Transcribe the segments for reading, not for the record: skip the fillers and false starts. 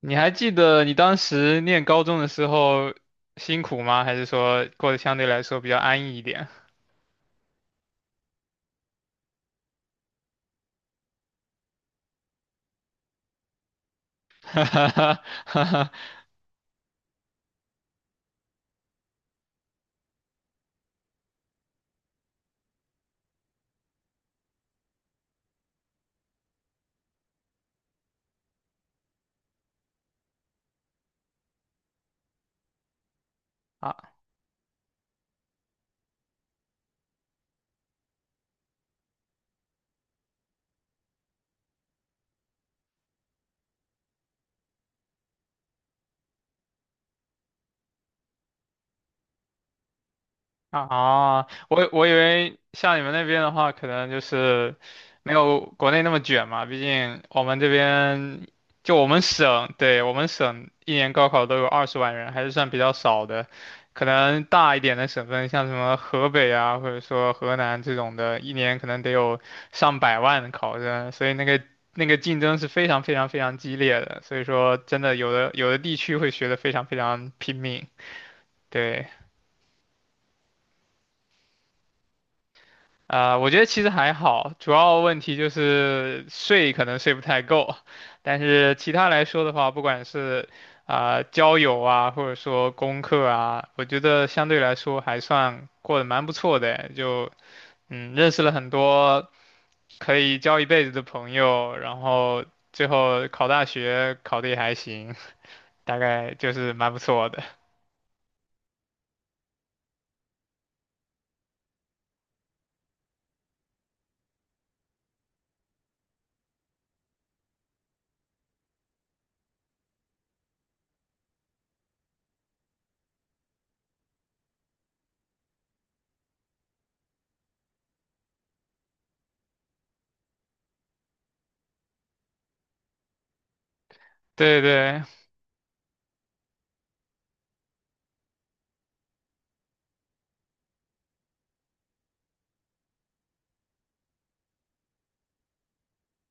你还记得你当时念高中的时候辛苦吗？还是说过得相对来说比较安逸一点？啊啊，我以为像你们那边的话，可能就是没有国内那么卷嘛。毕竟我们这边就我们省，对，我们省一年高考都有20万人，还是算比较少的。可能大一点的省份，像什么河北啊，或者说河南这种的，一年可能得有上百万的考生，所以那个竞争是非常非常非常激烈的。所以说，真的有的地区会学得非常非常拼命，对。啊、我觉得其实还好，主要问题就是睡可能睡不太够，但是其他来说的话，不管是啊、交友啊，或者说功课啊，我觉得相对来说还算过得蛮不错的，就认识了很多可以交一辈子的朋友，然后最后考大学考得也还行，大概就是蛮不错的。对对，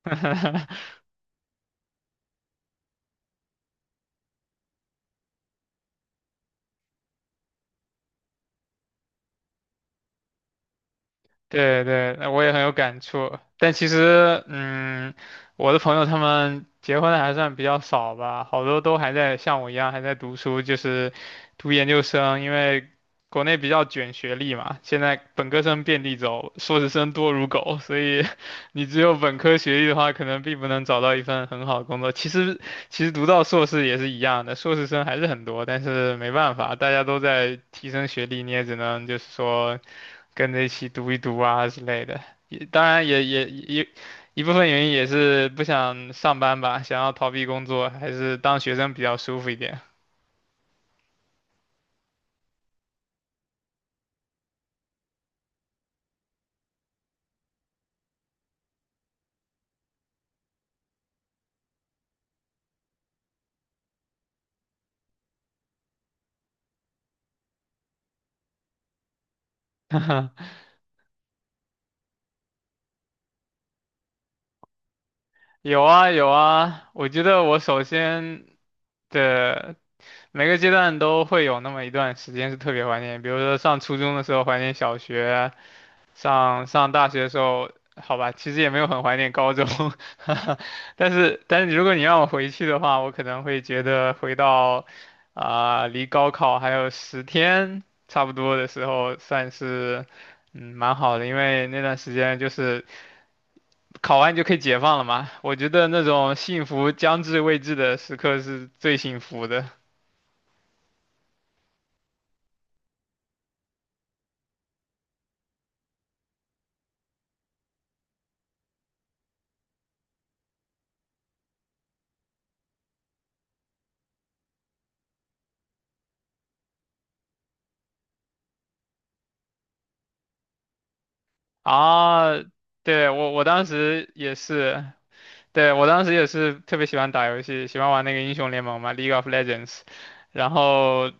对对，那我也很有感触。但其实，我的朋友他们结婚的还算比较少吧，好多都还在像我一样还在读书，就是读研究生，因为国内比较卷学历嘛，现在本科生遍地走，硕士生多如狗，所以 你只有本科学历的话，可能并不能找到一份很好的工作。其实读到硕士也是一样的，硕士生还是很多，但是没办法，大家都在提升学历，你也只能就是说。跟着一起读一读啊之类的。也当然也一部分原因也是不想上班吧，想要逃避工作，还是当学生比较舒服一点。有啊有啊，我觉得我首先的每个阶段都会有那么一段时间是特别怀念，比如说上初中的时候怀念小学，上大学的时候，好吧，其实也没有很怀念高中，但是如果你让我回去的话，我可能会觉得回到啊、离高考还有10天差不多的时候，算是嗯蛮好的，因为那段时间就是。考完就可以解放了嘛。我觉得那种幸福将至未至的时刻是最幸福的啊！对，我当时也是，对，我当时也是特别喜欢打游戏，喜欢玩那个英雄联盟嘛，League of Legends。然后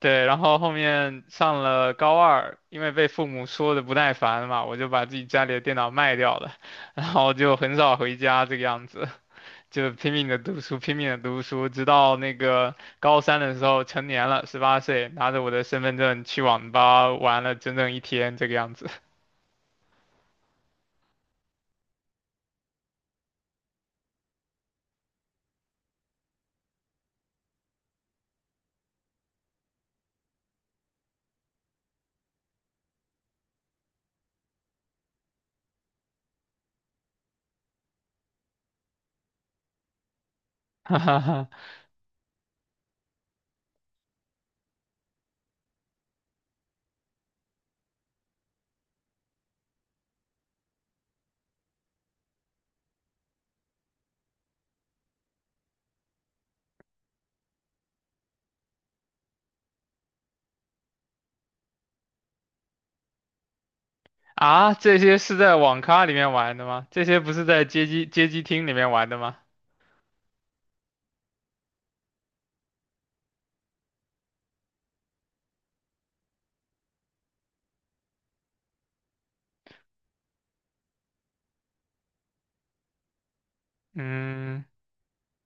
对，然后后面上了高二，因为被父母说的不耐烦嘛，我就把自己家里的电脑卖掉了，然后就很少回家这个样子。就拼命的读书，拼命的读书，直到那个高三的时候成年了，18岁，拿着我的身份证去网吧玩了整整一天，这个样子。啊，这些是在网咖里面玩的吗？这些不是在街机厅里面玩的吗？嗯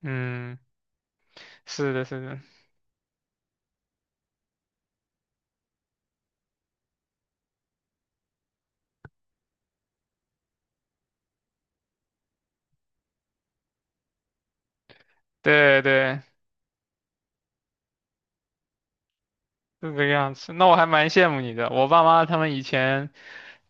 嗯，是的，是的，对对，是这个样子。那我还蛮羡慕你的，我爸妈他们以前。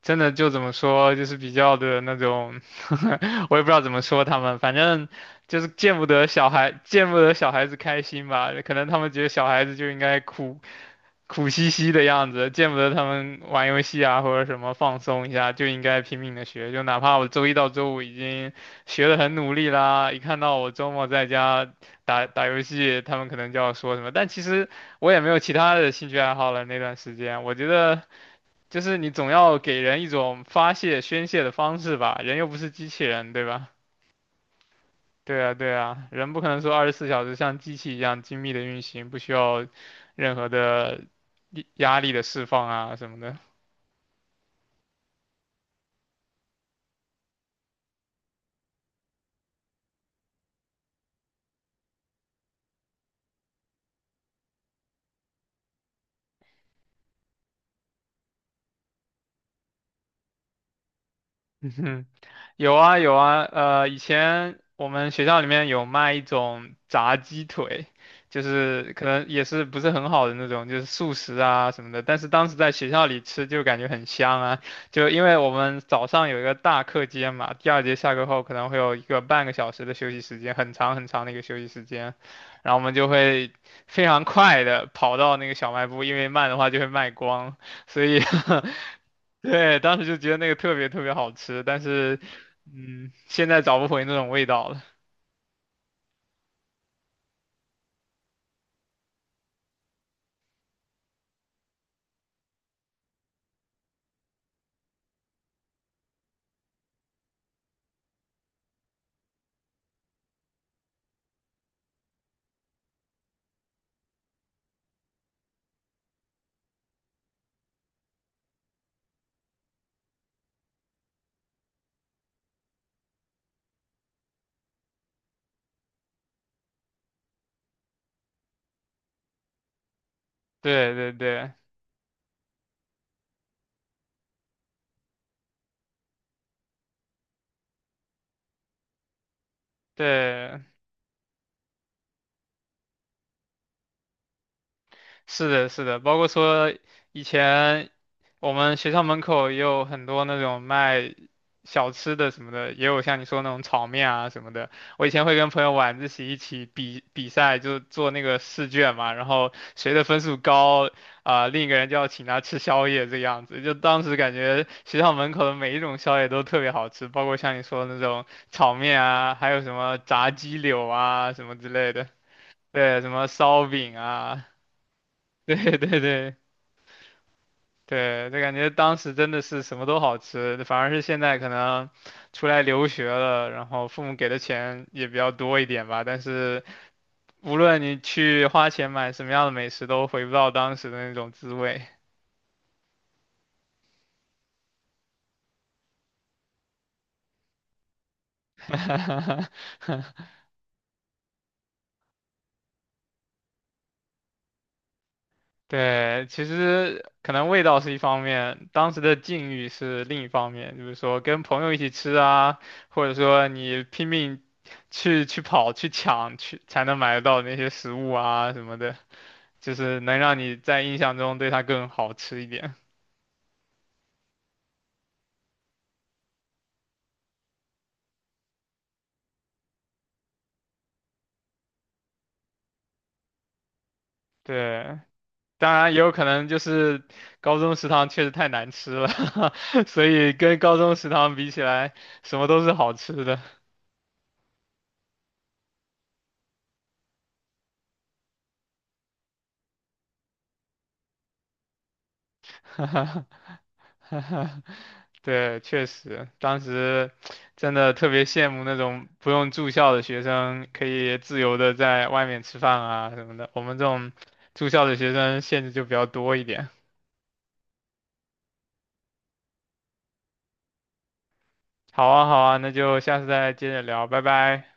真的就怎么说，就是比较的那种，我也不知道怎么说他们，反正就是见不得小孩，见不得小孩子开心吧。可能他们觉得小孩子就应该苦兮兮的样子，见不得他们玩游戏啊或者什么放松一下，就应该拼命的学。就哪怕我周一到周五已经学的很努力啦，一看到我周末在家打打游戏，他们可能就要说什么，但其实我也没有其他的兴趣爱好了。那段时间，我觉得。就是你总要给人一种发泄、宣泄的方式吧，人又不是机器人，对吧？对啊，对啊，人不可能说24小时像机器一样精密的运行，不需要任何的压力的释放啊什么的。有啊有啊，以前我们学校里面有卖一种炸鸡腿，就是可能也是不是很好的那种，就是速食啊什么的。但是当时在学校里吃就感觉很香啊，就因为我们早上有一个大课间嘛，第二节下课后可能会有一个半个小时的休息时间，很长很长的一个休息时间，然后我们就会非常快的跑到那个小卖部，因为慢的话就会卖光，所以 对，当时就觉得那个特别特别好吃，但是现在找不回那种味道了。对对对对，是的，是的，包括说以前我们学校门口也有很多那种卖小吃的什么的，也有像你说那种炒面啊什么的。我以前会跟朋友晚自习一起比赛，就做那个试卷嘛，然后谁的分数高啊、另一个人就要请他吃宵夜这个样子。就当时感觉学校门口的每一种宵夜都特别好吃，包括像你说的那种炒面啊，还有什么炸鸡柳啊什么之类的。对，什么烧饼啊，对对对对，就感觉当时真的是什么都好吃，反而是现在可能出来留学了，然后父母给的钱也比较多一点吧，但是无论你去花钱买什么样的美食，都回不到当时的那种滋味。对，其实可能味道是一方面，当时的境遇是另一方面，就是说跟朋友一起吃啊，或者说你拼命去跑去抢去才能买得到那些食物啊什么的。就是能让你在印象中对它更好吃一点。对，当然也有可能就是高中食堂确实太难吃了，所以跟高中食堂比起来，什么都是好吃的。对，确实，当时真的特别羡慕那种不用住校的学生，可以自由的在外面吃饭啊什么的。我们这种住校的学生限制就比较多一点。好啊，好啊，那就下次再接着聊，拜拜。